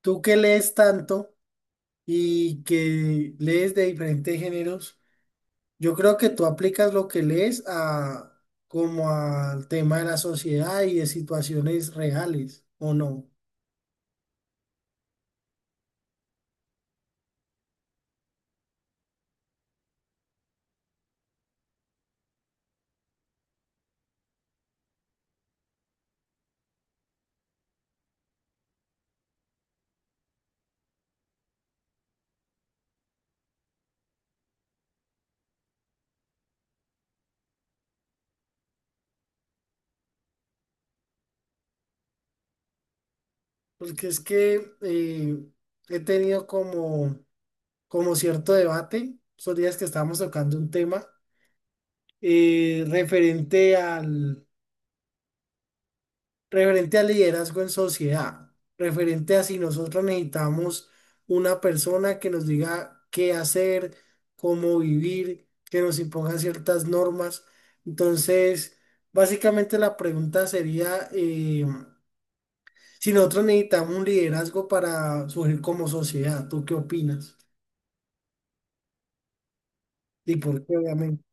Tú que lees tanto y que lees de diferentes géneros, yo creo que tú aplicas lo que lees a como al tema de la sociedad y de situaciones reales, ¿o no? Porque es que he tenido como, como cierto debate, esos días que estábamos tocando un tema eh, referente al, referente al liderazgo en sociedad, referente a si nosotros necesitamos una persona que nos diga qué hacer, cómo vivir, que nos imponga ciertas normas. Entonces, básicamente la pregunta sería si nosotros necesitamos un liderazgo para surgir como sociedad, ¿tú qué opinas? Y por qué, obviamente.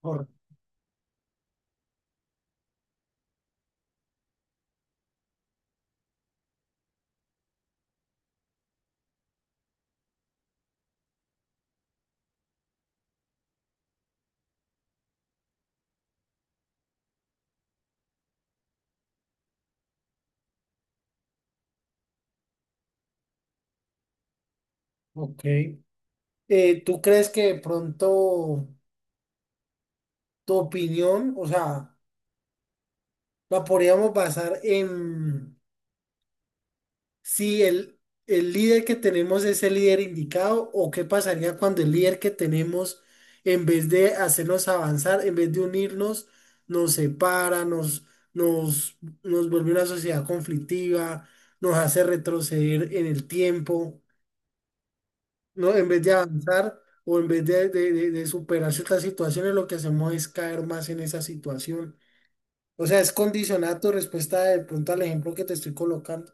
Por- ok. ¿Tú crees que de pronto tu opinión, o sea, la podríamos basar en si el líder que tenemos es el líder indicado o qué pasaría cuando el líder que tenemos, en vez de hacernos avanzar, en vez de unirnos, nos separa, nos, nos vuelve una sociedad conflictiva, nos hace retroceder en el tiempo, ¿no? En vez de avanzar o en vez de, de superar ciertas situaciones, lo que hacemos es caer más en esa situación. O sea, es condicionar tu respuesta de pronto al ejemplo que te estoy colocando.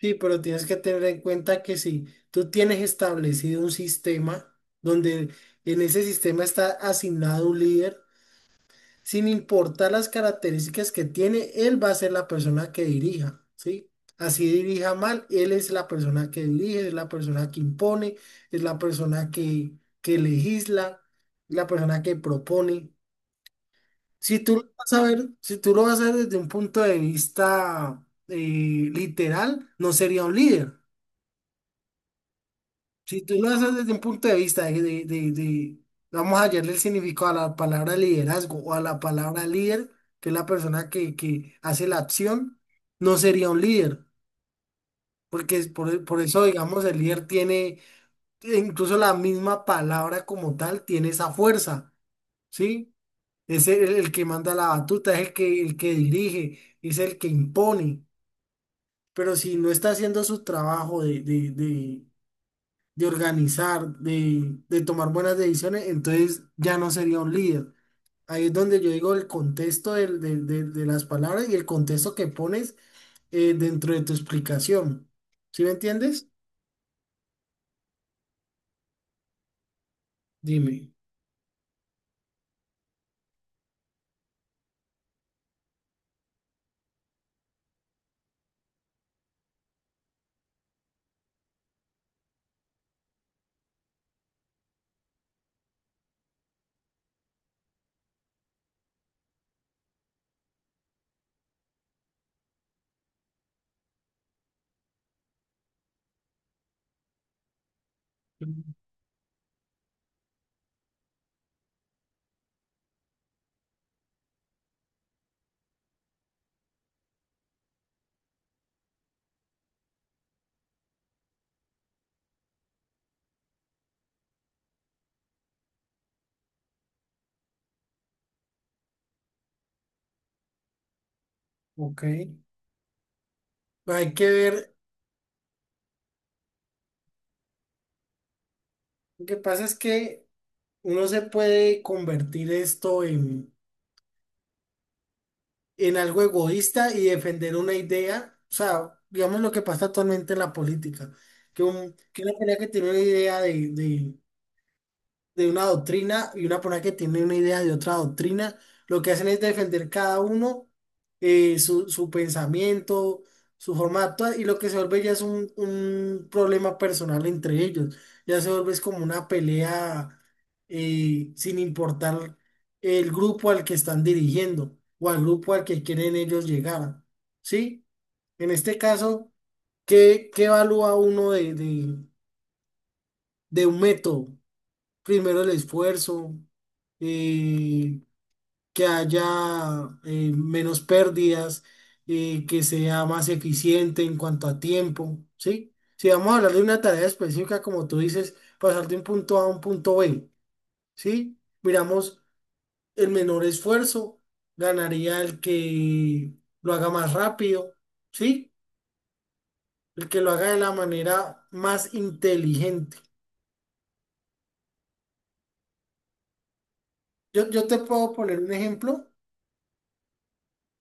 Sí, pero tienes que tener en cuenta que si tú tienes establecido un sistema donde en ese sistema está asignado un líder, sin importar las características que tiene, él va a ser la persona que dirija, ¿sí? Así dirija mal, él es la persona que dirige, es la persona que impone, es la persona que legisla, la persona que propone. Si tú lo vas a ver, si tú lo vas a ver desde un punto de vista literal, no sería un líder. Si tú lo haces desde un punto de vista de, vamos a hallarle el significado a la palabra liderazgo o a la palabra líder, que es la persona que hace la acción, no sería un líder, porque es por eso, digamos, el líder tiene, incluso la misma palabra como tal, tiene esa fuerza, ¿sí? Es el que manda la batuta, es el que dirige, es el que impone, pero si no está haciendo su trabajo de organizar, de tomar buenas decisiones, entonces ya no sería un líder. Ahí es donde yo digo el contexto de, las palabras y el contexto que pones dentro de tu explicación. ¿Sí me entiendes? Dime. Mm. Ok. Hay que ver, lo que pasa es que uno se puede convertir esto en algo egoísta y defender una idea, o sea, digamos lo que pasa actualmente en la política, que, que una pelea que tiene una idea de una doctrina y una persona que tiene una idea de otra doctrina, lo que hacen es defender cada uno su, su pensamiento, su forma de actuar y lo que se vuelve ya es un problema personal entre ellos, ya se vuelve es como una pelea sin importar el grupo al que están dirigiendo o al grupo al que quieren ellos llegar, ¿sí? En este caso, ¿qué, qué evalúa uno de un método? Primero el esfuerzo, eh, que haya menos pérdidas, que sea más eficiente en cuanto a tiempo, ¿sí? Si vamos a hablar de una tarea específica, como tú dices, pasar de un punto A a un punto B, ¿sí? Miramos el menor esfuerzo, ganaría el que lo haga más rápido, ¿sí? El que lo haga de la manera más inteligente. Yo te puedo poner un ejemplo.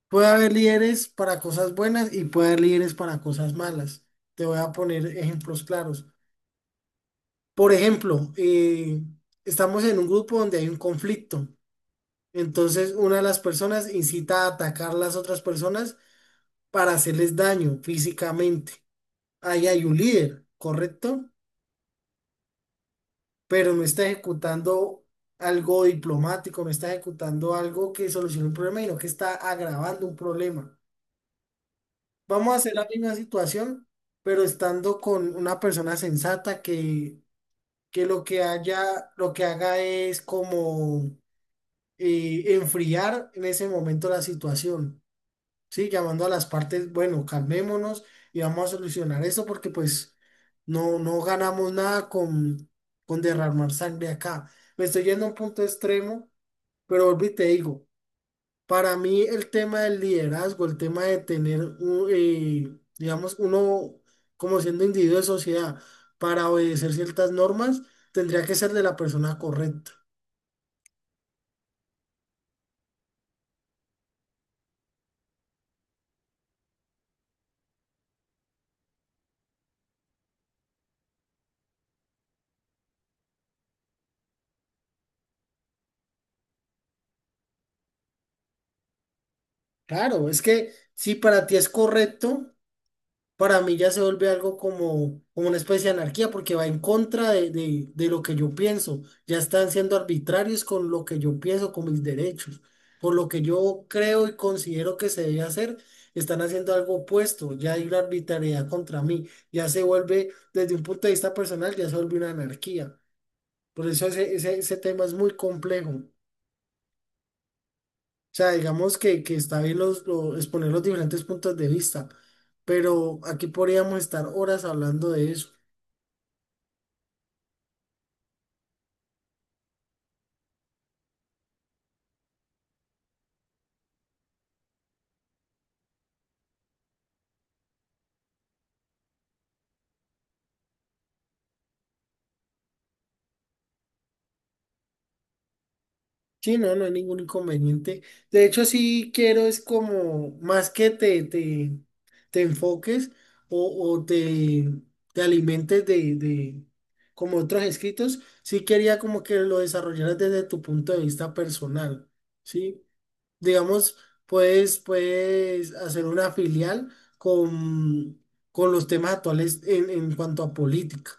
Puede haber líderes para cosas buenas y puede haber líderes para cosas malas. Te voy a poner ejemplos claros. Por ejemplo, estamos en un grupo donde hay un conflicto. Entonces, una de las personas incita a atacar a las otras personas para hacerles daño físicamente. Ahí hay un líder, ¿correcto? Pero no está ejecutando algo diplomático, no está ejecutando algo que solucione un problema, sino que está agravando un problema. Vamos a hacer la misma situación, pero estando con una persona sensata que lo que haya, lo que haga es como enfriar en ese momento la situación, ¿sí? Llamando a las partes, bueno, calmémonos y vamos a solucionar esto porque pues no, no ganamos nada con, con derramar sangre acá. Me estoy yendo a un punto extremo, pero volví y te digo. Para mí el tema del liderazgo, el tema de tener, un, digamos, uno como siendo individuo de sociedad para obedecer ciertas normas, tendría que ser de la persona correcta. Claro, es que si para ti es correcto, para mí ya se vuelve algo como, como una especie de anarquía porque va en contra de lo que yo pienso. Ya están siendo arbitrarios con lo que yo pienso, con mis derechos. Por lo que yo creo y considero que se debe hacer, están haciendo algo opuesto. Ya hay una arbitrariedad contra mí. Ya se vuelve, desde un punto de vista personal, ya se vuelve una anarquía. Por eso ese, ese, ese tema es muy complejo. O sea, digamos que está bien los, exponer los diferentes puntos de vista, pero aquí podríamos estar horas hablando de eso. Sí, no, no hay ningún inconveniente. De hecho, sí quiero es como más que te enfoques o te alimentes de como otros escritos, sí quería como que lo desarrollaras desde tu punto de vista personal, ¿sí? Digamos, puedes, puedes hacer una filial con, con los temas actuales en cuanto a política.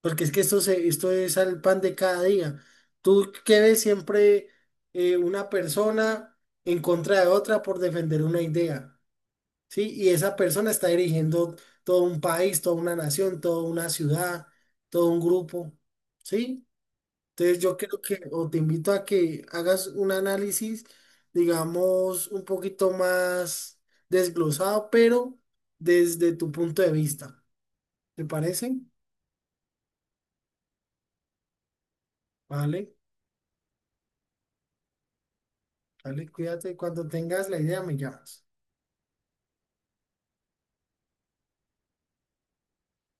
Porque es que esto, se, esto es al pan de cada día. Tú que ves siempre una persona en contra de otra por defender una idea, ¿sí? Y esa persona está dirigiendo todo un país, toda una nación, toda una ciudad, todo un grupo, ¿sí? Entonces yo creo que, o te invito a que hagas un análisis, digamos, un poquito más desglosado, pero desde tu punto de vista. ¿Te parece? Vale. Dale, cuídate. Cuando tengas la idea, me llamas.